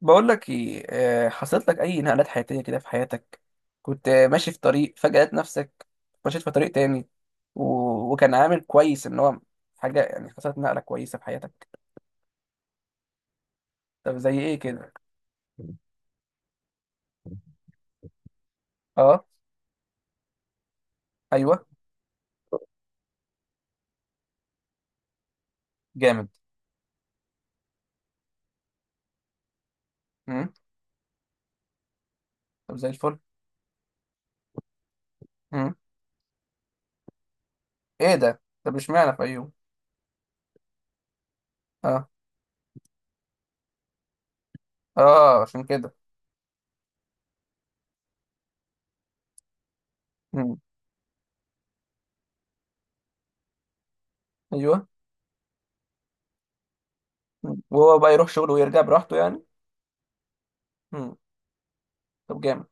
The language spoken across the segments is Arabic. بقول لك ايه، حصلت لك اي نقلات حياتيه كده في حياتك. كنت ماشي في طريق فجاه لقيت نفسك مشيت في طريق تاني. و... وكان عامل كويس ان هو حاجه، يعني حصلت نقله كويسه في حياتك. طب زي ايه كده؟ اه ايوه جامد. امم. طب زي الفل. امم. ايه ده؟ طب اشمعنى؟ في، ايوه. اه اه، عشان كده. امم. ايوه. مم. وهو بقى يروح شغله ويرجع براحته يعني. امم. طب جامد.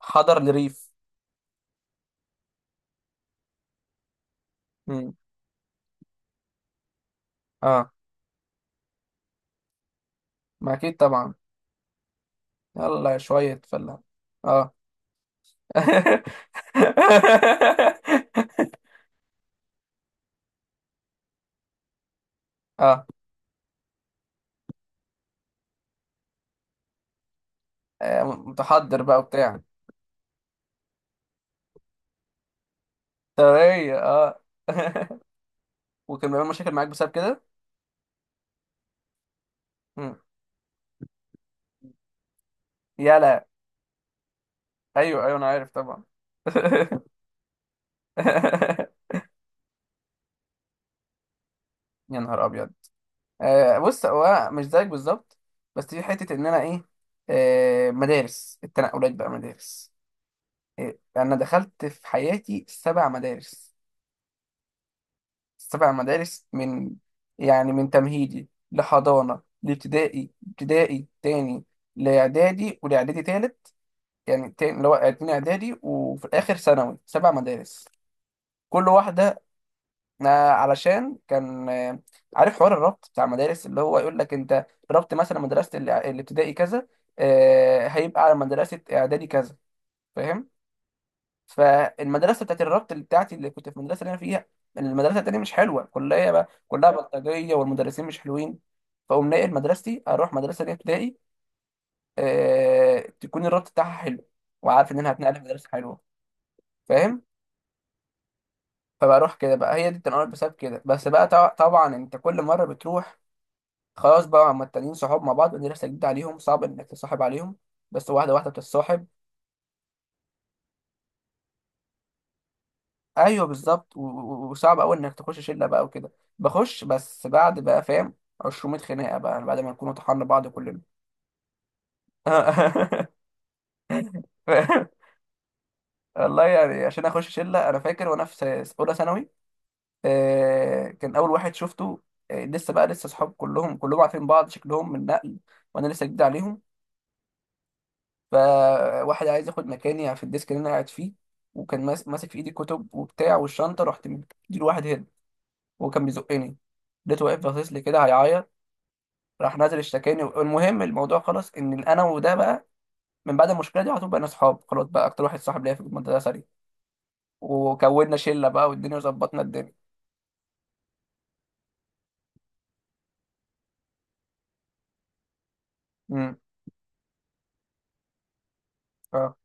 حضر لريف. امم. اه ما اكيد طبعا. يلا شويه فله. اه. اه متحضر بقى وبتاع طبيعية اه. وكان بيعمل مشاكل معاك بسبب كده؟ مم. يلا. ايوه ايوه انا عارف طبعا. يا نهار ابيض. آه بص، هو مش زيك بالظبط. بس في حته ان انا ايه. آه مدارس، التنقلات بقى مدارس. إيه، انا دخلت في حياتي سبع مدارس. سبع مدارس من، يعني من تمهيدي لحضانة لابتدائي، ابتدائي تاني، لإعدادي، ولإعدادي تالت، يعني تاني اللي هو اتنين إعدادي، وفي الآخر ثانوي سبع مدارس. كل واحدة، علشان كان، عارف حوار الربط بتاع المدارس اللي هو يقول لك أنت ربط مثلا مدرسة الابتدائي كذا، هيبقى على مدرسة إعدادي كذا، فاهم. فالمدرسه بتاعت الربط اللي بتاعتي اللي كنت في المدرسه اللي انا فيها، المدرسه التانيه مش حلوه كلها بقى كلها بلطجيه والمدرسين مش حلوين. فاقوم ناقل مدرستي اروح مدرسه ليا ابتدائي، تكون الربط بتاعها حلو، وعارف ان انا هتنقل في مدرسه حلوه، فاهم. فبروح كده بقى، هي دي التنقل بسبب كده. بس بقى طبعا انت كل مره بتروح، خلاص بقى هما التانيين صحاب مع بعض، مدرسه جديده عليهم، صعب انك تصاحب عليهم، بس واحده واحده بتتصاحب. ايوه بالظبط، وصعب قوي انك تخش شله بقى وكده. بخش بس بعد بقى، فاهم، 200 خناقه بقى بعد ما نكون طحنا بعض كلنا. والله يعني عشان اخش شله، انا فاكر وانا في اولى ثانوي، كان اول واحد شفته، لسه بقى، لسه اصحاب كلهم كلهم عارفين بعض شكلهم من نقل وانا لسه جديد عليهم. فواحد عايز ياخد مكاني في الديسك اللي انا قاعد فيه، وكان ماسك في ايدي كتب وبتاع والشنطه، رحت مديله واحد هيد. وهو كان بيزقني، لقيته واقف باصص لي كده هيعيط. راح نازل اشتكاني. المهم الموضوع خلص ان انا وده بقى من بعد المشكله دي على طول بقينا اصحاب، خلاص بقى اكتر واحد صاحب ليا في المدرسه دي. وكونا شله بقى والدنيا وظبطنا الدنيا. امم. اه،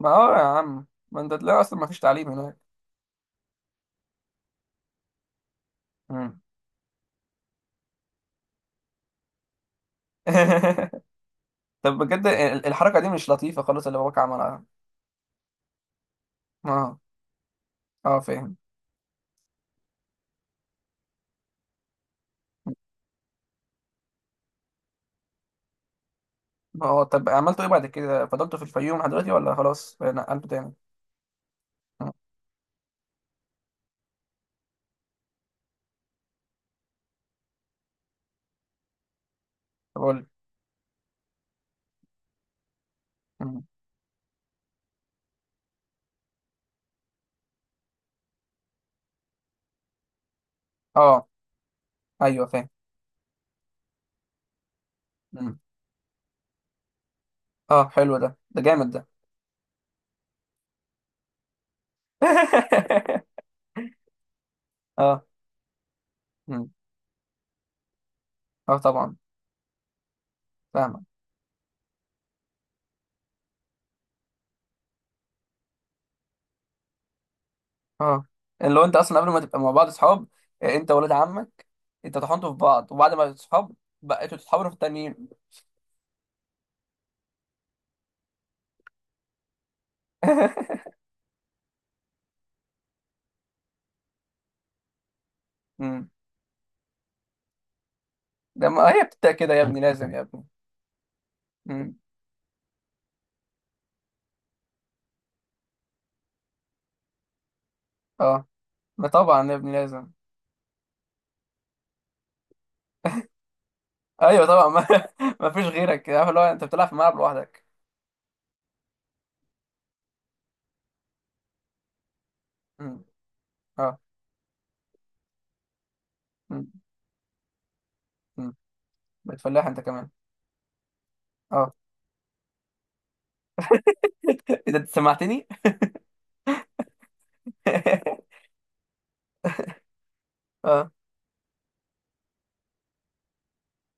ما هو يا عم ما انت تلاقي اصلا ما فيش تعليم هناك. امم. طب بجد الحركه دي مش لطيفه خالص اللي باباك عملها. اه اه فاهم. ما هو طب عملتوا ايه بعد كده؟ فضلتوا في الفيوم لحد دلوقتي ولا خلاص نقلتوا تاني؟ مم. طب قول لي. مم. اه ايوه فاهم. مم. اه حلو ده، ده جامد ده. اه. مم. اه طبعا. فاهمك. اه اللي هو انت اصلا قبل ما تبقى مع بعض صحاب، انت ولاد عمك، انت طحنتوا في بعض، وبعد ما بقيتوا صحاب بقيتوا تتحاوروا في التانيين. مم. ده ما هي بتبدأ كده يا ابني، لازم يا ابني. مم. اه ما طبعا يا ابني لازم. ايوه طبعا ما, ما فيش غيرك، عارف، اللي هو انت بتلعب في الملعب لوحدك. مم. اه. مم. مم. بتفلح انت كمان؟ اه. اذا انت سمعتني. اه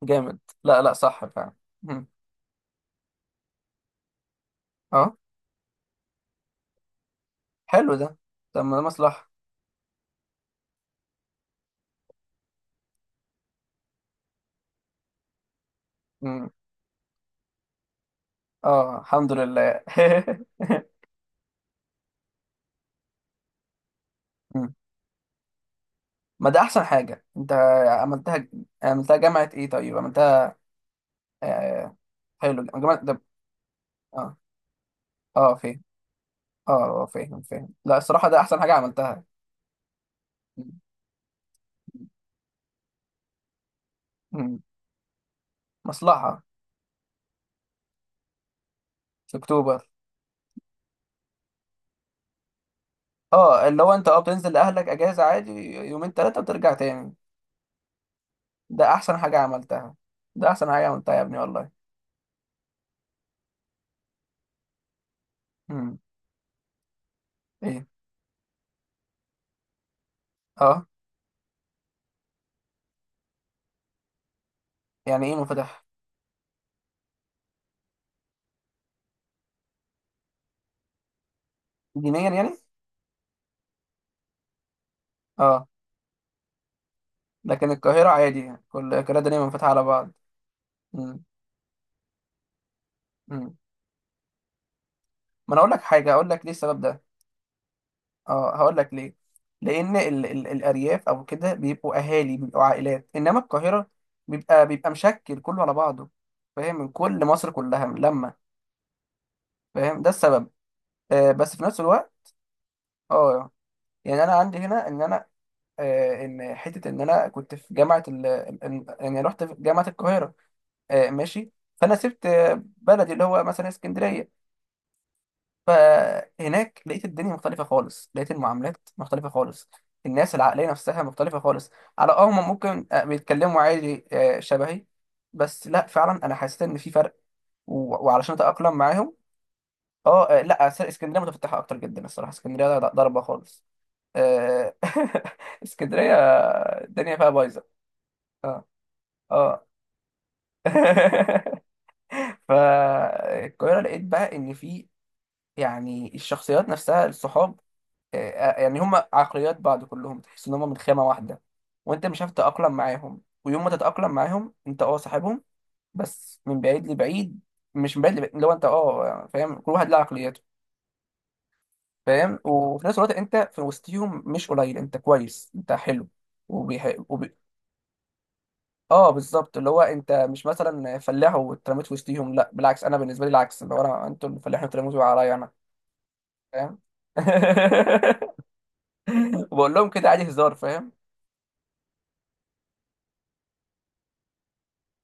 جامد. لا لا صح فعلا. مم. اه حلو ده. طب ما ده مصلحة. اه الحمد لله. مم. ما ده احسن حاجه انت عملتها. عملتها جامعه ايه طيب عملتها؟ آه... حلو جامعه ده. اه اه فاهم. اه فاهم فاهم. لا الصراحه ده احسن حاجه عملتها. مم. مم. مصلحه في اكتوبر. اه اللي هو انت اه بتنزل لاهلك اجازه عادي يومين ثلاثه وترجع تاني. ده احسن حاجه عملتها، ده احسن حاجه عملتها يا ابني والله. مم. ايه؟ اه. يعني ايه منفتح؟ دينيا يعني؟ اه. لكن القاهره عادي يعني. كل القاهره دينيا منفتحه على بعض. مم. ما انا اقول لك حاجه، اقول لك ليه السبب ده. اه هقول لك ليه. لان ال ال الارياف او كده بيبقوا اهالي، بيبقوا عائلات، انما القاهره بيبقى مشكل كله على بعضه، فاهم، من كل مصر كلها لما. فاهم ده السبب. آه بس في نفس الوقت. اه يعني انا عندي هنا ان انا، آه ان حته ان انا كنت في جامعه يعني رحت في جامعه القاهره، آه ماشي. فانا سبت بلدي اللي هو مثلا اسكندريه. فهناك لقيت الدنيا مختلفة خالص، لقيت المعاملات مختلفة خالص، الناس العقلية نفسها مختلفة خالص. على اه، هم ممكن بيتكلموا عادي شبهي، بس لا فعلا انا حسيت ان في فرق. وعلشان اتأقلم معاهم، اه لا اسكندرية متفتحة اكتر جدا الصراحة. اسكندرية ضربة خالص. آه، اسكندرية الدنيا فيها بايظة. اه اه. فالقاهرة لقيت بقى ان في، يعني الشخصيات نفسها، الصحاب، يعني هم عقليات بعض كلهم، تحس ان هم من خامة واحدة. وانت مش عارف تتأقلم معاهم، ويوم ما تتأقلم معاهم انت اه صاحبهم، بس من بعيد لبعيد. مش من بعيد لبعيد، اللي هو انت اه فاهم كل واحد له عقليته، فاهم. وفي نفس الوقت انت في وسطهم مش قليل، انت كويس، انت حلو. وبيح... وبي... اه بالظبط اللي هو انت مش مثلا فلاح واترميت في وسطهم، لا بالعكس. انا بالنسبه لي العكس اللي هو انا، انتوا الفلاحين اترميتوا عليا انا، فاهم. وبقول لهم كده عادي هزار فاهم.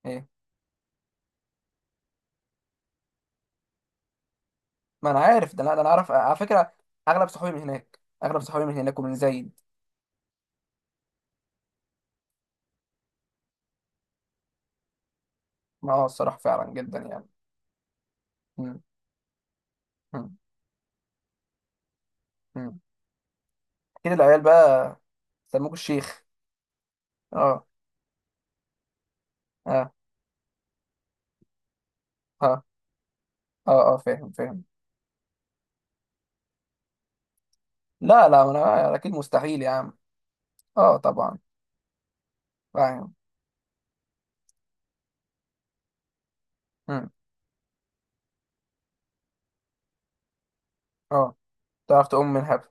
ايه؟ ما انا عارف ده، انا ده انا عارف على فكره. اغلب صحابي من هناك، اغلب صحابي من هناك ومن زايد. ما اه الصراحه فعلا جدا يعني. مم. مم. مم. اكيد العيال بقى سموك الشيخ. اه اه اه. اه اه فاهم فاهم. لا لا ما انا اكيد مستحيل يا عم. اه طبعا. فاهم. مم. اه تعرف تقوم من هب.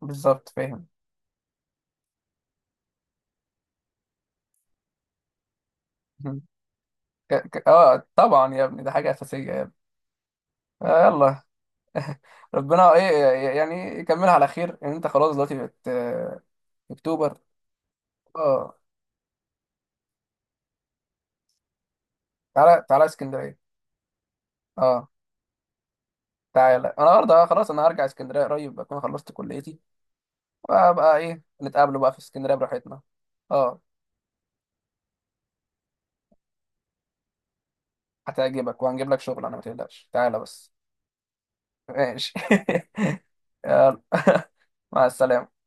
بالظبط فاهم. مم. اه طبعا يا ابني ده حاجه اساسيه يا ابني. آه يلا. ربنا ايه؟ يعني يكملها على خير ان انت خلاص دلوقتي بت... اكتوبر. اه تعالى تعالى اسكندريه. اه تعالى انا النهارده، خلاص انا هرجع اسكندريه قريب، اكون خلصت كليتي، وابقى ايه نتقابلوا بقى في اسكندريه براحتنا. اه هتعجبك، وهنجيب لك شغل انا، ما تقلقش تعالى بس. ماشي. يلا. مع السلامه.